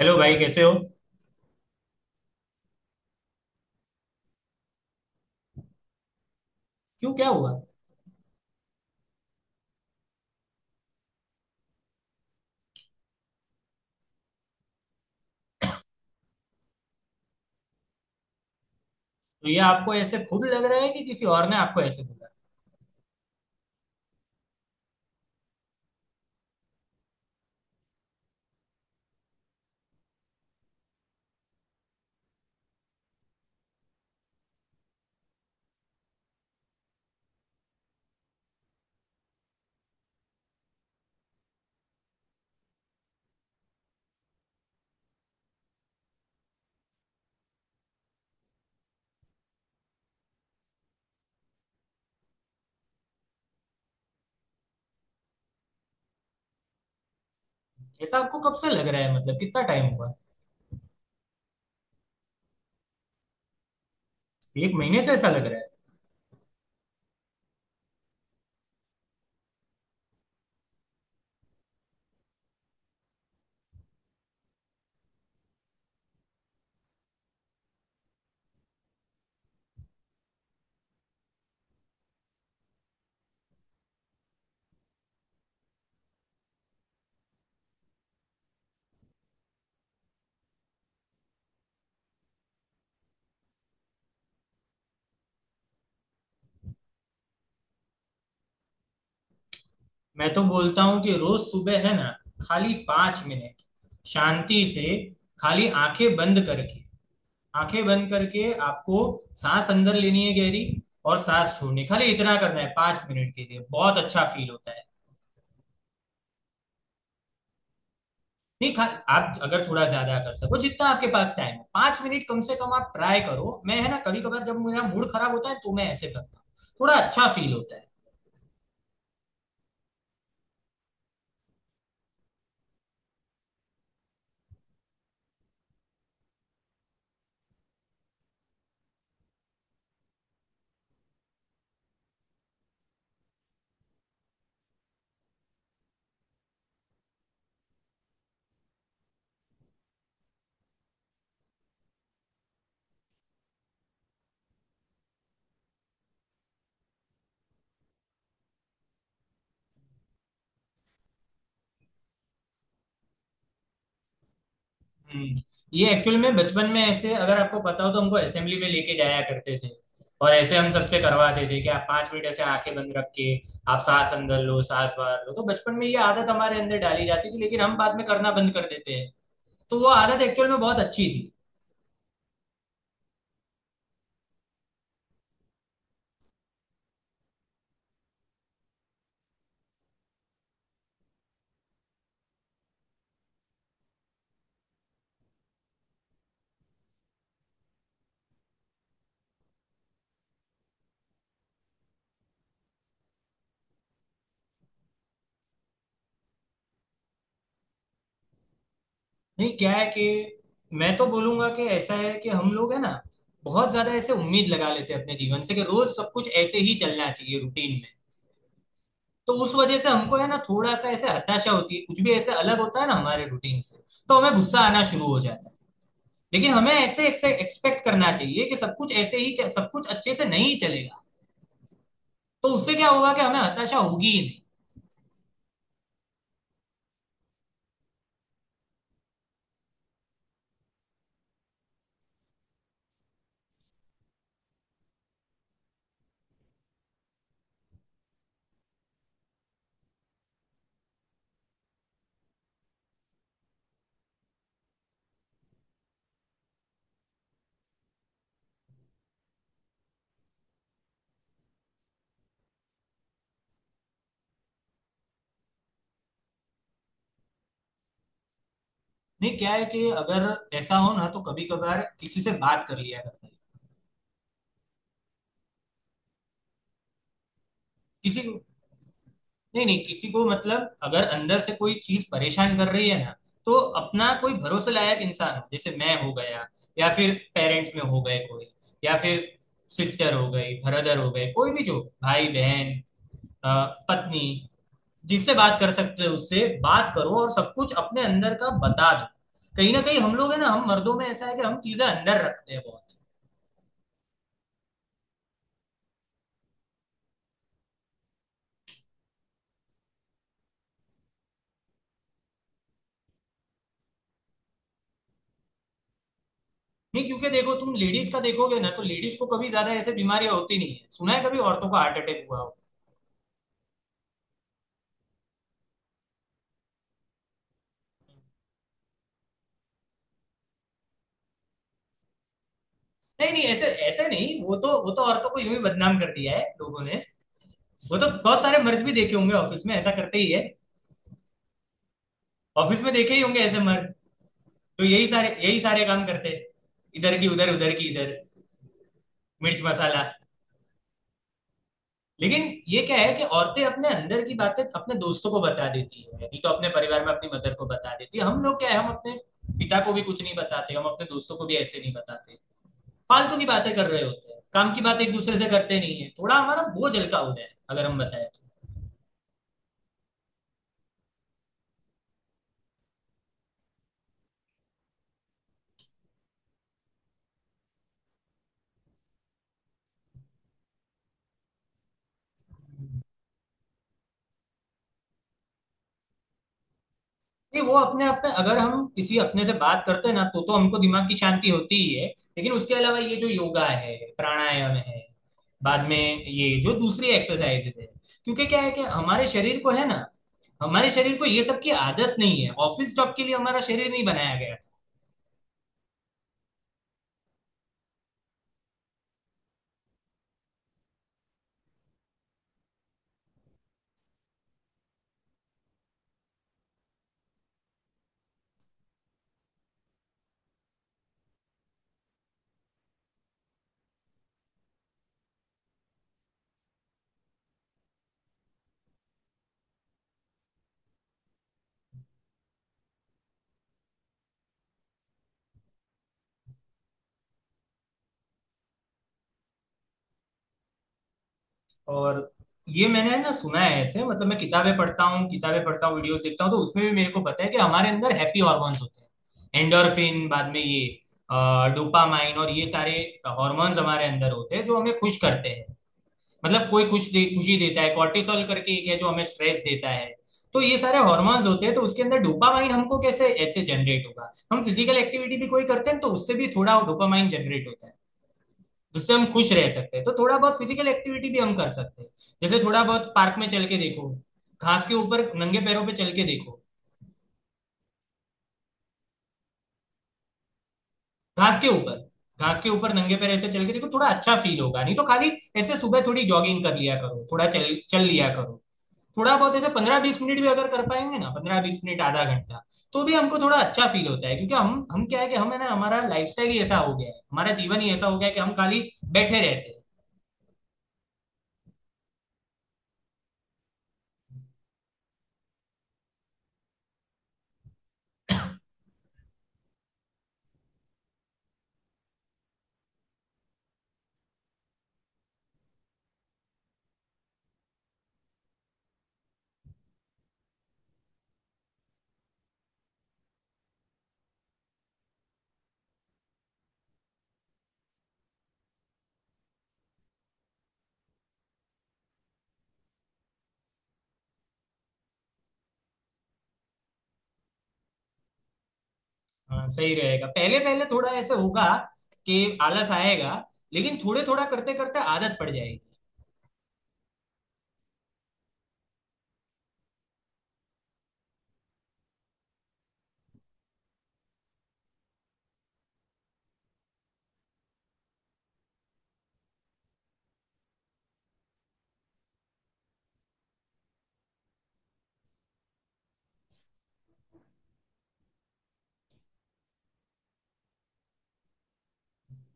Hello भाई कैसे हो। क्यों क्या हुआ। तो ये आपको ऐसे खुद लग रहा है कि किसी और ने आपको ऐसे बोला। ऐसा आपको कब से लग रहा है, मतलब कितना टाइम हुआ। एक महीने से ऐसा लग रहा है। मैं तो बोलता हूँ कि रोज सुबह है ना, खाली 5 मिनट, शांति से, खाली आंखें बंद करके, आंखें बंद करके आपको सांस अंदर लेनी है गहरी, और सांस छोड़नी, खाली इतना करना है 5 मिनट के लिए, बहुत अच्छा फील होता है। नहीं। खा आप अगर थोड़ा ज्यादा कर सको जितना आपके पास टाइम है, 5 मिनट कम से कम आप ट्राई करो। मैं है ना, कभी कभार जब मेरा मूड खराब होता है तो मैं ऐसे करता हूँ, थोड़ा अच्छा फील होता है। हम्म। ये एक्चुअल में बचपन में ऐसे, अगर आपको पता हो, तो हमको असेंबली में लेके जाया करते थे, और ऐसे हम सबसे करवाते थे कि आप 5 मिनट ऐसे आंखें बंद रख के आप सांस अंदर लो सांस बाहर लो। तो बचपन में ये आदत हमारे अंदर डाली जाती थी, लेकिन हम बाद में करना बंद कर देते हैं। तो वो आदत एक्चुअल में बहुत अच्छी थी। नहीं क्या है कि मैं तो बोलूंगा कि ऐसा है कि हम लोग है ना, बहुत ज्यादा ऐसे उम्मीद लगा लेते हैं अपने जीवन से कि रोज सब कुछ ऐसे ही चलना चाहिए रूटीन में। तो उस वजह से हमको है ना थोड़ा सा ऐसे हताशा होती है, कुछ भी ऐसे अलग होता है ना हमारे रूटीन से, तो हमें गुस्सा आना शुरू हो जाता है। लेकिन हमें ऐसे ऐसे एक्सपेक्ट करना चाहिए कि सब कुछ ऐसे ही चल- सब कुछ अच्छे से नहीं चलेगा, तो उससे क्या होगा कि हमें हताशा होगी ही नहीं। नहीं क्या है कि अगर ऐसा हो ना तो कभी कभार किसी से बात कर लिया करता है। किसी नहीं, नहीं, किसी को मतलब अगर अंदर से कोई चीज परेशान कर रही है ना, तो अपना कोई भरोसे लायक इंसान हो, जैसे मैं हो गया, या फिर पेरेंट्स में हो गए कोई, या फिर सिस्टर हो गई, ब्रदर हो गए, कोई भी जो भाई बहन, अ, पत्नी, जिससे बात कर सकते हो उससे बात करो और सब कुछ अपने अंदर का बता दो। कहीं ना कहीं हम लोग है ना, हम मर्दों में ऐसा है कि हम चीजें अंदर रखते हैं बहुत। नहीं, क्योंकि देखो तुम लेडीज का देखोगे ना तो लेडीज को कभी ज्यादा ऐसे बीमारियां होती नहीं है। सुना है कभी औरतों को हार्ट अटैक हुआ हो। नहीं नहीं, ऐसे ऐसे नहीं, वो तो औरतों को यूं ही बदनाम कर दिया है लोगों ने। वो तो बहुत सारे मर्द भी देखे होंगे ऑफिस में ऐसा करते ही है। ऑफिस में देखे ही होंगे ऐसे मर्द। तो यही सारे काम करते हैं, इधर की उधर उधर की इधर, मिर्च मसाला। लेकिन ये क्या है कि औरतें अपने अंदर की बातें अपने दोस्तों को बता देती है, नहीं तो अपने परिवार में अपनी मदर को बता देती है। हम लोग क्या है, हम अपने पिता को भी कुछ नहीं बताते, हम अपने दोस्तों को भी ऐसे नहीं बताते, फालतू की बातें कर रहे होते हैं, काम की बात एक दूसरे से करते नहीं है। थोड़ा हमारा बोझ हल्का हो जाए अगर हम बताए तो। नहीं, वो अपने आप में अगर हम किसी अपने से बात करते हैं ना तो हमको दिमाग की शांति होती ही है, लेकिन उसके अलावा ये जो योगा है, प्राणायाम है, बाद में ये जो दूसरी एक्सरसाइजेस है, क्योंकि क्या है कि हमारे शरीर को है ना, हमारे शरीर को ये सब की आदत नहीं है, ऑफिस जॉब के लिए हमारा शरीर नहीं बनाया गया। और ये मैंने ना सुना है ऐसे, मतलब मैं किताबें पढ़ता हूँ, किताबें पढ़ता हूँ वीडियोस देखता हूँ, तो उसमें भी मेरे को पता है कि हमारे अंदर हैप्पी हॉर्मोन्स होते हैं, एंडोर्फिन, बाद में ये डोपामाइन, और ये सारे हॉर्मोन्स हमारे अंदर होते हैं जो हमें खुश करते हैं। मतलब कोई खुश दे, खुशी देता है, कॉर्टिसोल करके एक है जो हमें स्ट्रेस देता है। तो ये सारे हॉर्मोन्स होते हैं, तो उसके अंदर डोपामाइन हमको कैसे ऐसे जनरेट होगा, हम फिजिकल एक्टिविटी भी कोई करते हैं तो उससे भी थोड़ा डोपामाइन जनरेट होता है, जिससे हम खुश रह सकते हैं। तो थोड़ा बहुत फिजिकल एक्टिविटी भी हम कर सकते हैं। जैसे थोड़ा बहुत पार्क में चल के देखो, घास के ऊपर नंगे पैरों पे चल के देखो। घास के ऊपर, घास के ऊपर नंगे पैर ऐसे चल के देखो, थोड़ा अच्छा फील होगा। नहीं तो खाली ऐसे सुबह थोड़ी जॉगिंग कर लिया करो, थोड़ा चल चल लिया करो। थोड़ा बहुत ऐसे 15-20 मिनट भी अगर कर पाएंगे ना, 15-20 मिनट आधा घंटा, तो भी हमको थोड़ा अच्छा फील होता है। क्योंकि हम क्या है कि हम है ना, हमारा लाइफस्टाइल ही ऐसा हो गया है, हमारा जीवन ही ऐसा हो गया है कि हम खाली बैठे रहते हैं। हाँ सही रहेगा। पहले पहले थोड़ा ऐसे होगा कि आलस आएगा, लेकिन थोड़े थोड़ा करते करते आदत पड़ जाएगी।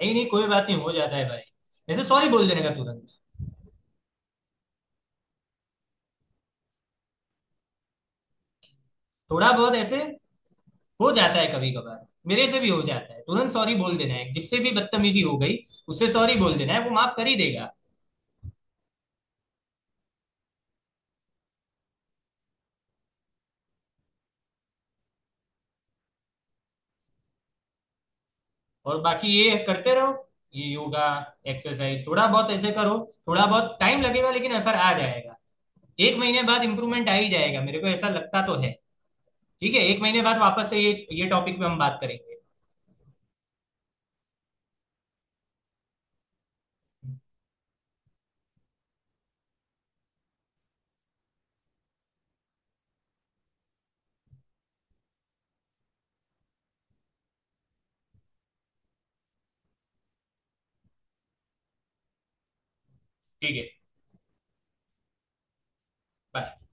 नहीं नहीं कोई बात नहीं, हो जाता है भाई, ऐसे सॉरी बोल देने का तुरंत। थोड़ा बहुत ऐसे हो जाता है, कभी कभार मेरे से भी हो जाता है, तुरंत सॉरी बोल देना है, जिससे भी बदतमीजी हो गई उससे सॉरी बोल देना है, वो माफ कर ही देगा। और बाकी ये करते रहो, ये योगा, एक्सरसाइज थोड़ा बहुत ऐसे करो, थोड़ा बहुत टाइम लगेगा लेकिन असर आ जाएगा। एक महीने बाद इंप्रूवमेंट आ ही जाएगा, मेरे को ऐसा लगता तो है। ठीक है, एक महीने बाद वापस से ये टॉपिक पे हम बात करेंगे। ठीक है। बाय।